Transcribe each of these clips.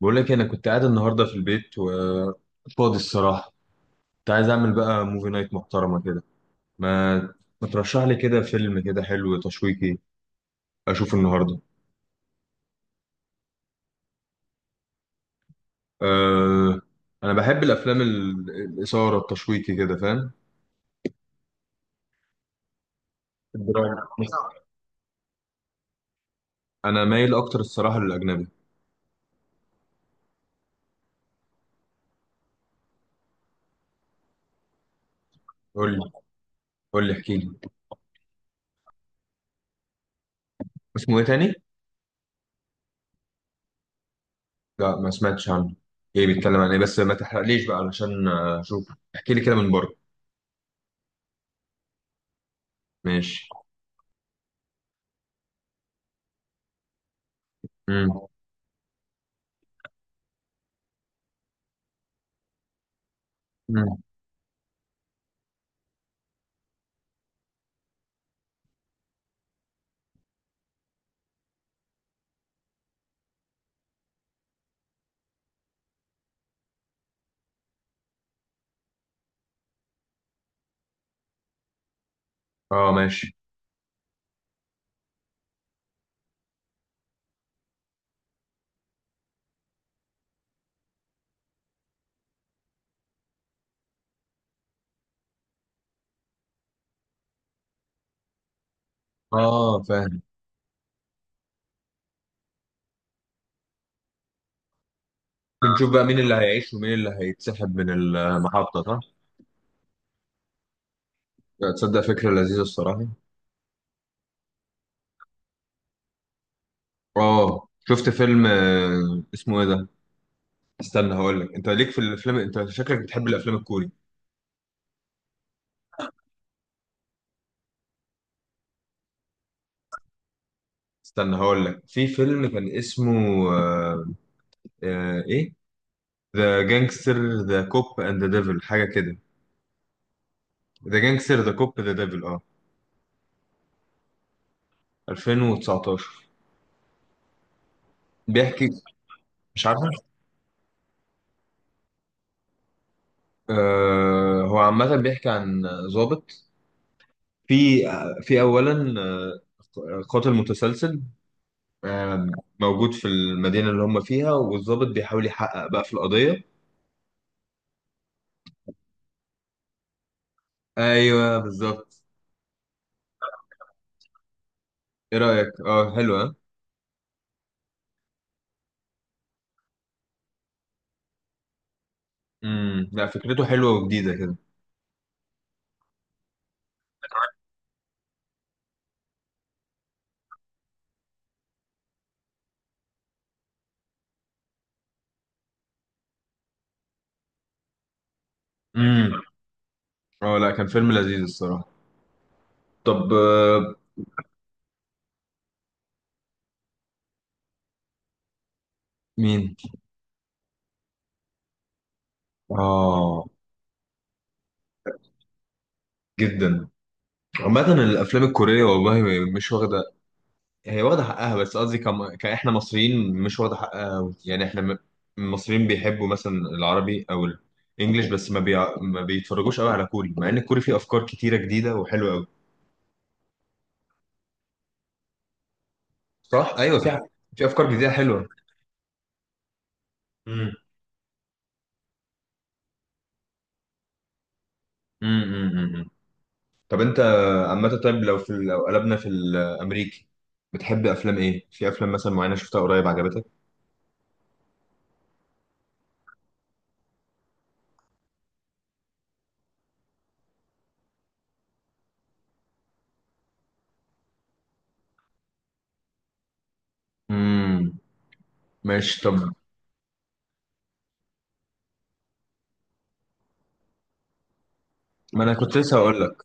بقول لك إيه، انا كنت قاعد النهارده في البيت وفاضي الصراحه. كنت عايز اعمل بقى موفي نايت محترمه كده. ما ما ترشح لي كده فيلم كده حلو تشويقي اشوفه النهارده. أه... انا بحب الافلام الاثاره التشويقي كده فاهم. الدراما. انا مايل اكتر الصراحه للاجنبي. قول لي. قول لي احكي لي. اسمه ايه تاني؟ لا ما سمعتش عنه. ايه بيتكلم عن ايه؟ بس ما تحرقليش بقى علشان اشوف. احكي لي كده من بره. ماشي. امم. اه ماشي. اه فاهم. بنشوف بقى مين اللي هيعيش ومين اللي هيتسحب من المحطة صح؟ تصدق فكرة لذيذة الصراحة. اه شفت فيلم، اسمه ايه ده؟ استنى هقول لك. انت ليك في الافلام، انت شكلك بتحب الافلام الكوري. استنى هقول لك في فيلم كان اسمه آه، ايه؟ ذا جانجستر ذا كوب اند ذا ديفل حاجة كده. ذا جانجستر ذا كوب ذا ديفل اه. 2019. بيحكي. مش عارفه. آه هو عامة بيحكي عن ضابط، في في اولا قاتل متسلسل آه، موجود في المدينه اللي هم فيها، والضابط بيحاول يحقق بقى في القضيه. ايوه بالظبط. ايه رايك؟ اه حلوه. امم، لا فكرته حلوه وجديده كده. امم. اه لا كان فيلم لذيذ الصراحه. طب مين؟ اه جدا. عامه الافلام الكوريه والله مش واخده. هي واخدة حقها، بس قصدي كإحنا مصريين مش واخدة حقها أوي. يعني إحنا المصريين بيحبوا مثلا العربي أو الإنجليش، بس ما بيتفرجوش قوي على كوري، مع إن الكوري فيه أفكار كتيرة جديدة وحلوة قوي. صح؟ أيوه، في أفكار جديدة حلوة. امم. امم. امم. طب أنت عامة، طيب لو لو قلبنا في الأمريكي، بتحب أفلام إيه؟ في أفلام مثلا معينة شفتها قريب عجبتك؟ امم. ماشي طب. ما أنا كنت لسه هقول لك.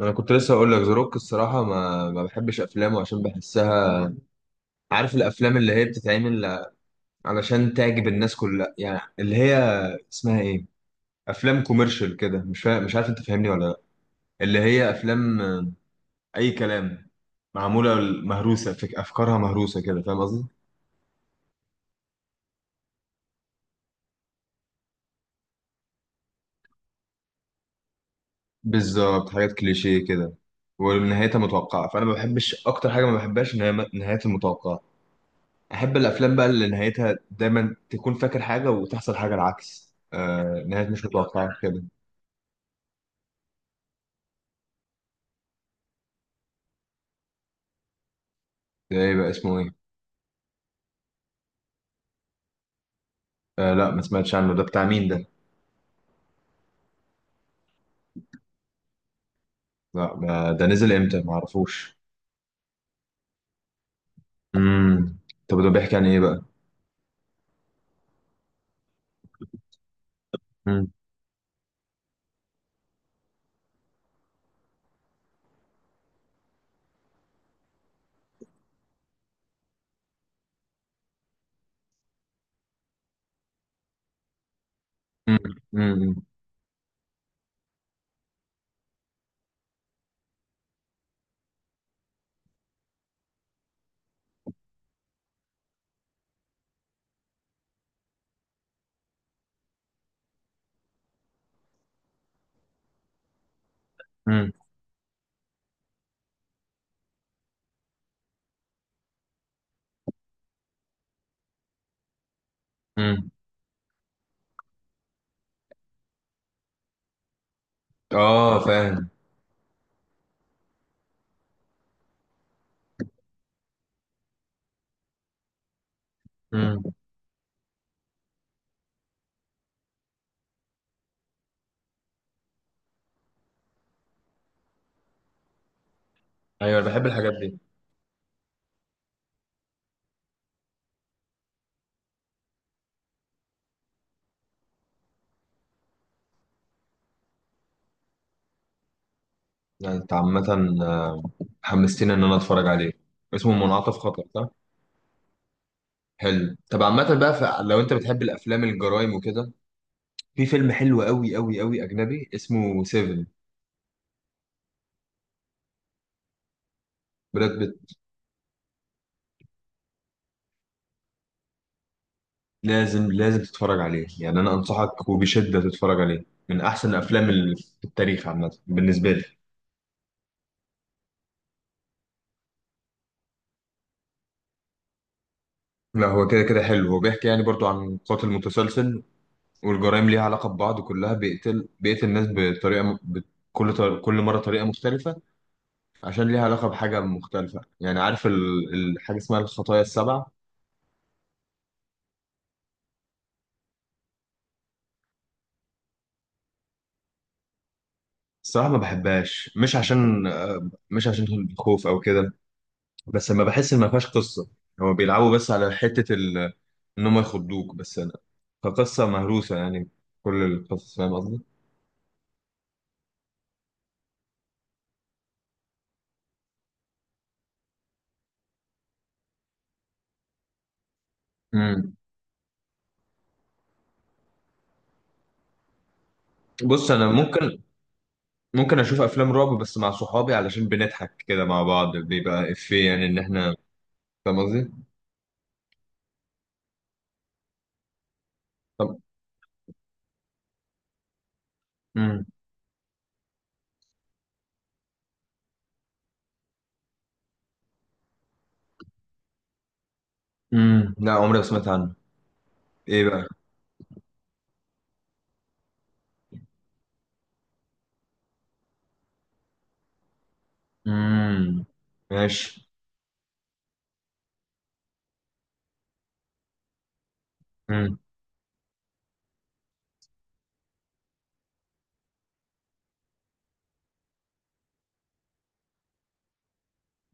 أنا كنت لسه هقول لك زاروك الصراحة، ما بحبش أفلامه، عشان بحسها، عارف الافلام اللي هي بتتعمل علشان تعجب الناس كلها، يعني اللي هي اسمها ايه، افلام كوميرشال كده. مش عارف انت فاهمني ولا لا. اللي هي افلام اي كلام، معموله مهروسه، افكارها مهروسه كده، فاهم قصدي؟ بالظبط، حاجات كليشيه كده ونهايتها متوقعه. فانا ما بحبش، اكتر حاجه ما بحبهاش ان هي نهايتها المتوقعه. احب الافلام بقى اللي نهايتها دايما تكون فاكر حاجه وتحصل حاجه العكس، آه نهايه مش متوقعه كده. ده ايه بقى، اسمه ايه؟ آه لا ما سمعتش عنه، ده بتاع مين ده؟ لا ده نزل امتى؟ ما اعرفوش. امم. طب ده بيحكي عن ايه بقى؟ امم. امم. امم. امم. أمم. اه فاهم. امم. ايوه انا بحب الحاجات دي. لا، انت عامة آه، حمستني ان انا اتفرج عليه. اسمه منعطف خطر صح؟ حلو. طب عامة بقى، لو انت بتحب الافلام الجرايم وكده، في فيلم حلو قوي قوي قوي اجنبي اسمه سيفن. براد بيت. لازم تتفرج عليه يعني، انا انصحك وبشدة تتفرج عليه، من احسن الافلام اللي في التاريخ عامة بالنسبة لي. لا هو كده كده حلو، هو بيحكي يعني برضو عن قاتل متسلسل، والجرائم ليها علاقة ببعض، كلها بيقتل، بيقتل الناس بطريقة كل مرة طريقة مختلفة، عشان ليها علاقة بحاجة مختلفة. يعني عارف الحاجة اسمها الخطايا السبع. الصراحة ما بحبهاش، مش عشان مش عشان الخوف أو كده، بس لما بحس إن ما فيهاش قصة، هو بيلعبوا بس على حتة إن هم يخضوك بس. أنا كقصة مهروسة يعني، كل القصص، فاهم قصدي؟ مم. بص أنا، لا ممكن. ممكن اشوف افلام رعب بس مع صحابي، علشان بنضحك كده مع بعض، بيبقى افيه يعني ان احنا، فاهم قصدي؟ طب. امم. امم. لا عمري ما سمعت عنه. ايه بقى؟ امم. ماشي. امم.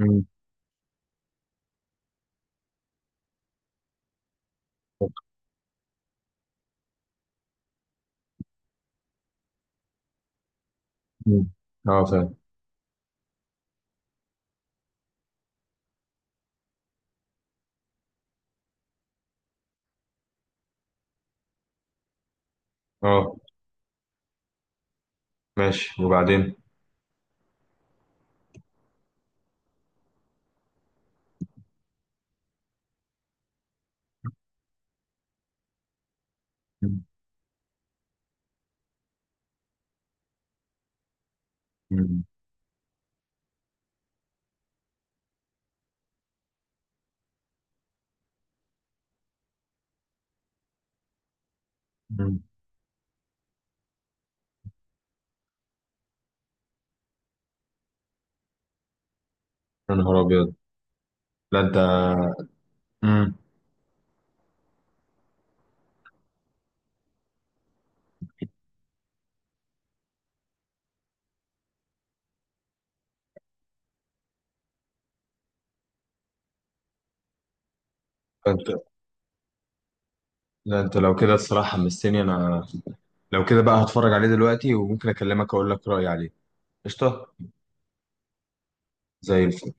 امم. أمم. اه فاهم. اه ماشي، وبعدين؟ أمم. أمم. أمم. يا نهار ابيض. لا انت. امم. انت، لا انت لو كده الصراحه حمستني انا. لو كده بقى هتفرج عليه دلوقتي، وممكن اكلمك اقول لك رايي عليه. قشطه. زي الفل.